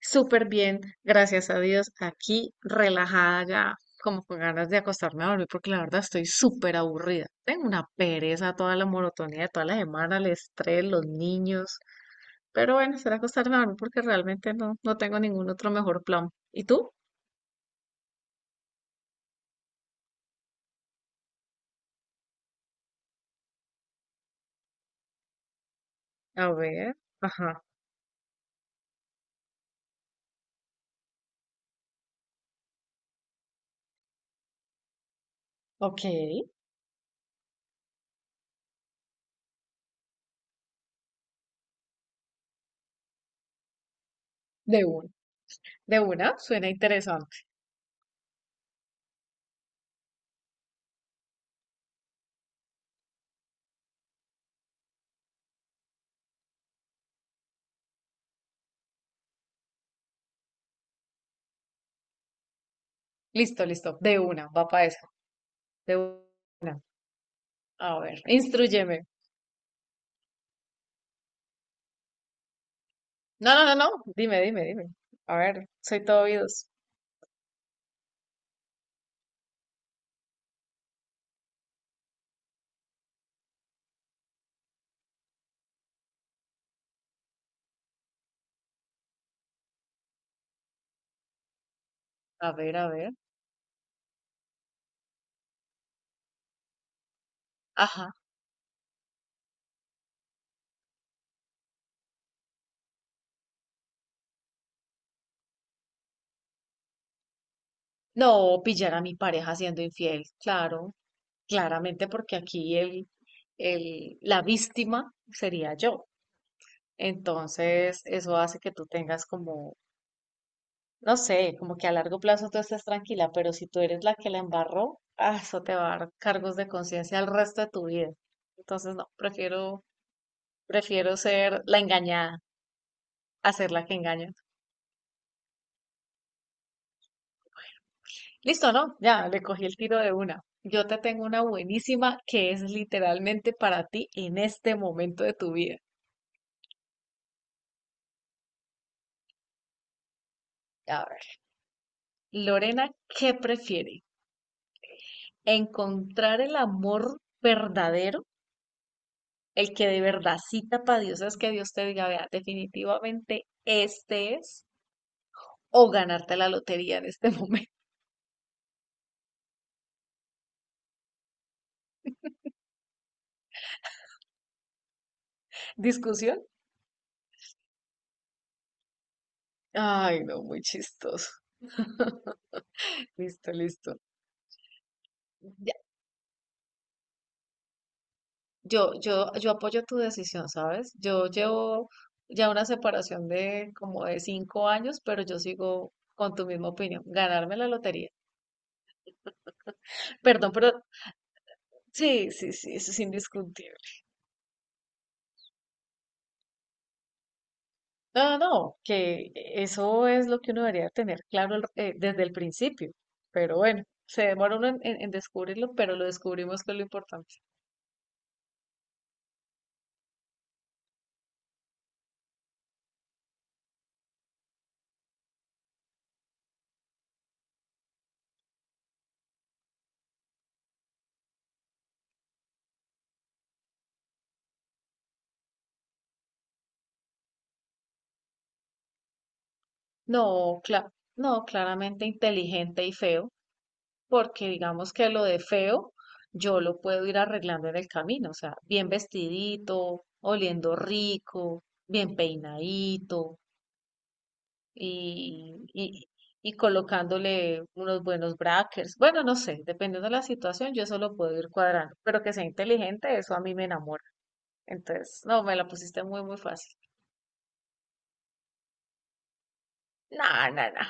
Súper bien, gracias a Dios. Aquí relajada ya, como con ganas de acostarme a dormir, porque la verdad estoy súper aburrida. Tengo una pereza, toda la monotonía de toda la semana, el estrés, los niños. Pero bueno, será acostarme a dormir porque realmente no tengo ningún otro mejor plan. ¿Y tú? A ver, ajá, ok, de una, de una, suena interesante. Listo, listo, de una, va para esa, de una. A ver, instrúyeme. No, dime, dime, dime. A ver, soy todo oídos. A ver, a ver. Ajá. No, pillar a mi pareja siendo infiel, claro, claramente porque aquí la víctima sería yo. Entonces, eso hace que tú tengas como, no sé, como que a largo plazo tú estés tranquila, pero si tú eres la que la embarró, ah, eso te va a dar cargos de conciencia el resto de tu vida. Entonces, no, prefiero, prefiero ser la engañada, a ser la que engaña. Listo, ¿no? Ya, le cogí el tiro de una. Yo te tengo una buenísima que es literalmente para ti en este momento de tu vida. A ver, Lorena, ¿qué prefiere? ¿Encontrar el amor verdadero, el que de verdad cita para Dios es que Dios te diga, vea, definitivamente este es, o ganarte la lotería en este momento? ¿Discusión? Ay, no, muy chistoso. Listo, listo. Yo apoyo tu decisión, ¿sabes? Yo llevo ya una separación de como de 5 años, pero yo sigo con tu misma opinión, ganarme la lotería. Perdón, pero sí, sí, sí, eso es indiscutible. No, no, que eso es lo que uno debería tener claro desde el principio, pero bueno, se demora uno en descubrirlo, pero lo descubrimos que es lo importante. No, cla- no, claramente inteligente y feo. Porque digamos que lo de feo yo lo puedo ir arreglando en el camino, o sea, bien vestidito, oliendo rico, bien peinadito y, y- y colocándole unos buenos brackers. Bueno, no sé, dependiendo de la situación, yo eso lo puedo ir cuadrando, pero que sea inteligente, eso a mí me enamora. Entonces, no, me la pusiste muy, muy fácil. No, no, no.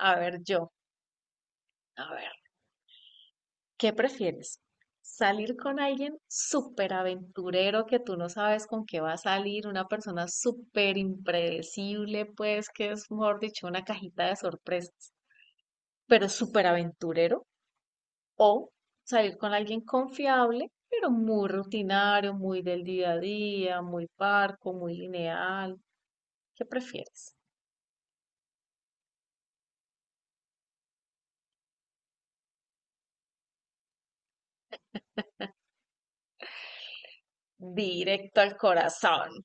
A ver, yo, a ver. ¿Qué prefieres? ¿Salir con alguien súper aventurero que tú no sabes con qué va a salir? Una persona súper impredecible, pues que es, mejor dicho, una cajita de sorpresas, pero súper aventurero. O salir con alguien confiable, pero muy rutinario, muy del día a día, muy parco, muy lineal. ¿Qué prefieres? Directo al corazón.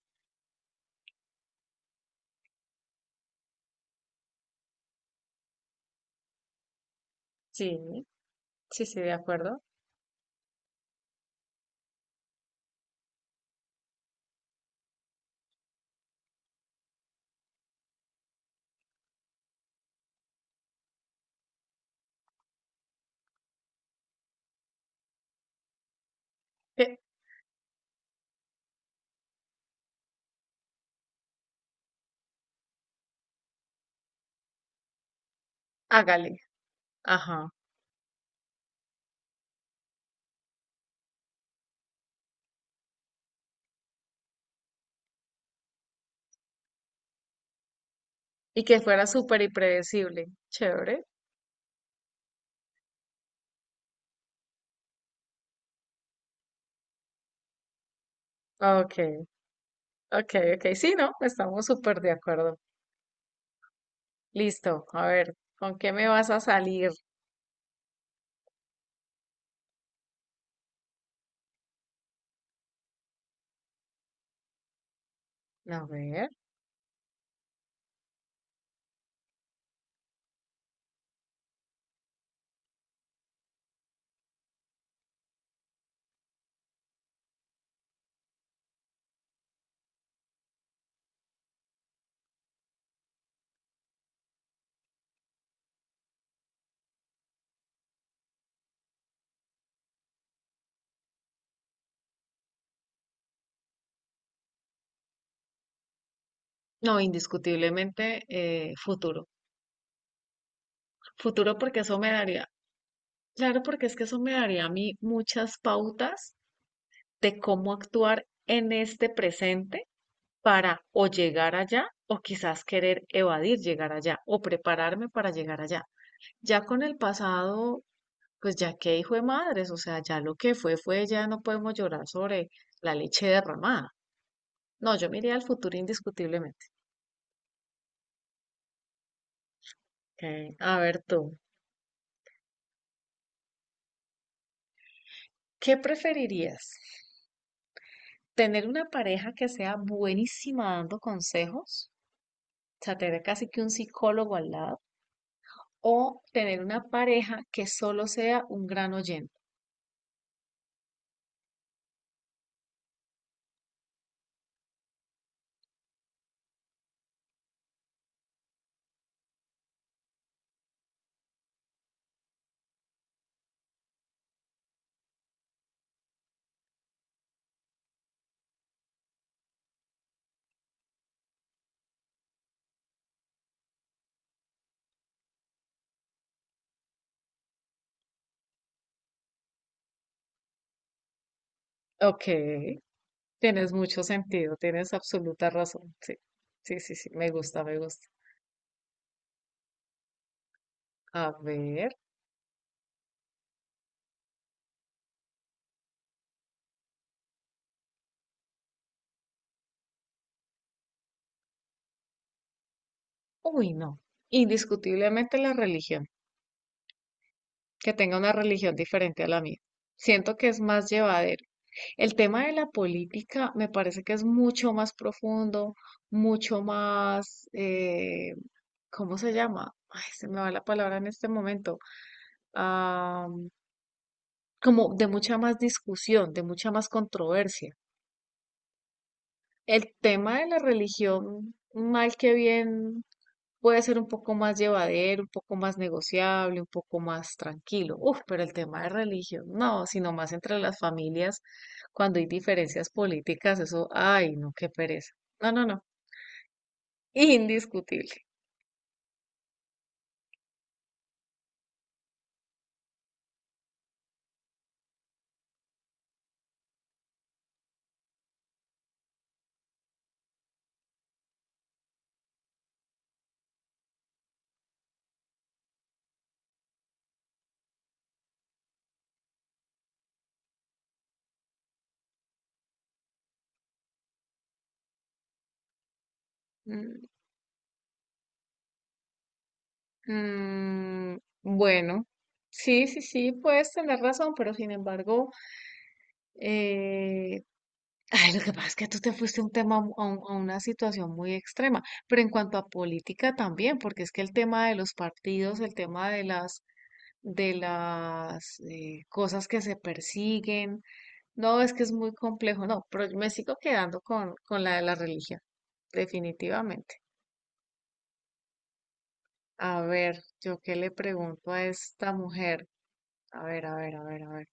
Sí, sí, sí, de acuerdo. Eh, hágale. Ajá. Y que fuera súper impredecible. Chévere. Ok, ok, ok. Sí, no, estamos súper de acuerdo. Listo. A ver, ¿con qué me vas a salir? A ver. No, indiscutiblemente futuro. Futuro porque eso me daría, claro, porque es que eso me daría a mí muchas pautas de cómo actuar en este presente para o llegar allá o quizás querer evadir llegar allá o prepararme para llegar allá. Ya con el pasado, pues ya que hijo de madres, o sea, ya lo que fue, fue, ya no podemos llorar sobre la leche derramada. No, yo me iría al futuro indiscutiblemente. Ok, a ver tú, ¿qué preferirías? ¿Tener una pareja que sea buenísima dando consejos? O sea, tener casi que un psicólogo al lado. ¿O tener una pareja que solo sea un gran oyente? Ok, tienes mucho sentido, tienes absoluta razón. Sí, sí, sí, sí, me gusta, me gusta. A ver. Uy, no. Indiscutiblemente la religión, que tenga una religión diferente a la mía. Siento que es más llevadero. El tema de la política me parece que es mucho más profundo, mucho más, ¿cómo se llama? Ay, se me va la palabra en este momento. Ah, como de mucha más discusión, de mucha más controversia. El tema de la religión, mal que bien, puede ser un poco más llevadero, un poco más negociable, un poco más tranquilo. Uf, pero el tema de religión, no, sino más entre las familias, cuando hay diferencias políticas, eso, ay, no, qué pereza. No, no, no, indiscutible. Mm, mm, bueno, sí, sí, sí, puedes tener razón, pero sin embargo, eh, ay, lo que pasa es que tú te fuiste a un tema, a una situación muy extrema, pero en cuanto a política también, porque es que el tema de los partidos, el tema de las de las cosas que se persiguen. No, es que es muy complejo, no, pero yo me sigo quedando con la de la religión, definitivamente. A ver, yo qué le pregunto a esta mujer. A ver, a ver, a ver, a ver.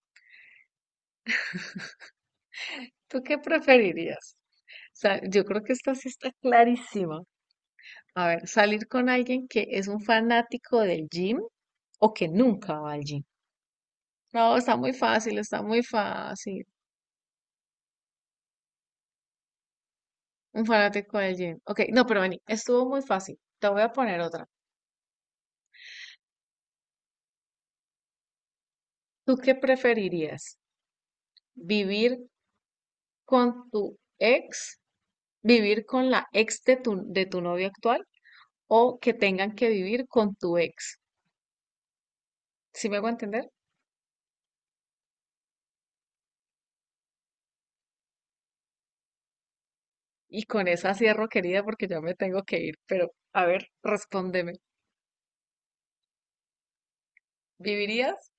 ¿Tú qué preferirías? Yo creo que esta sí está clarísima. A ver, salir con alguien que es un fanático del gym o que nunca va al gym. No, está muy fácil, está muy fácil. Un fanático del gym. Ok, no, pero vení, estuvo muy fácil. Te voy a poner otra. ¿Tú qué preferirías? ¿Vivir con tu ex? ¿Vivir con la ex de tu novio actual? ¿O que tengan que vivir con tu ex? ¿Sí me hago entender? Y con esa cierro, querida, porque ya me tengo que ir. Pero, a ver, respóndeme. ¿Vivirías?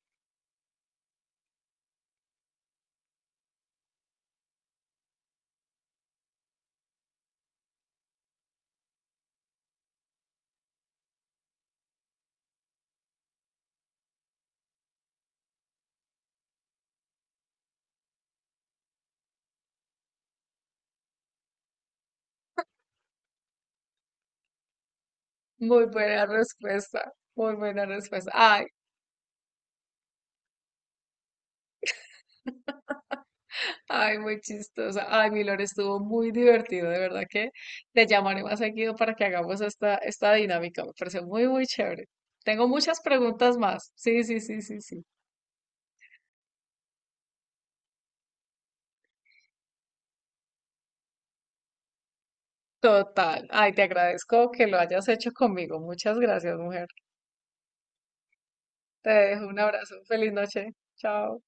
Muy buena respuesta. Muy buena respuesta. Ay, ay, muy chistosa. Ay, Milor, estuvo muy divertido, de verdad que te llamaré más seguido para que hagamos esta dinámica. Me pareció muy, muy chévere. Tengo muchas preguntas más. Sí, sí, sí, sí, sí. Total. Ay, te agradezco que lo hayas hecho conmigo. Muchas gracias, mujer. Te dejo un abrazo. Feliz noche. Chao.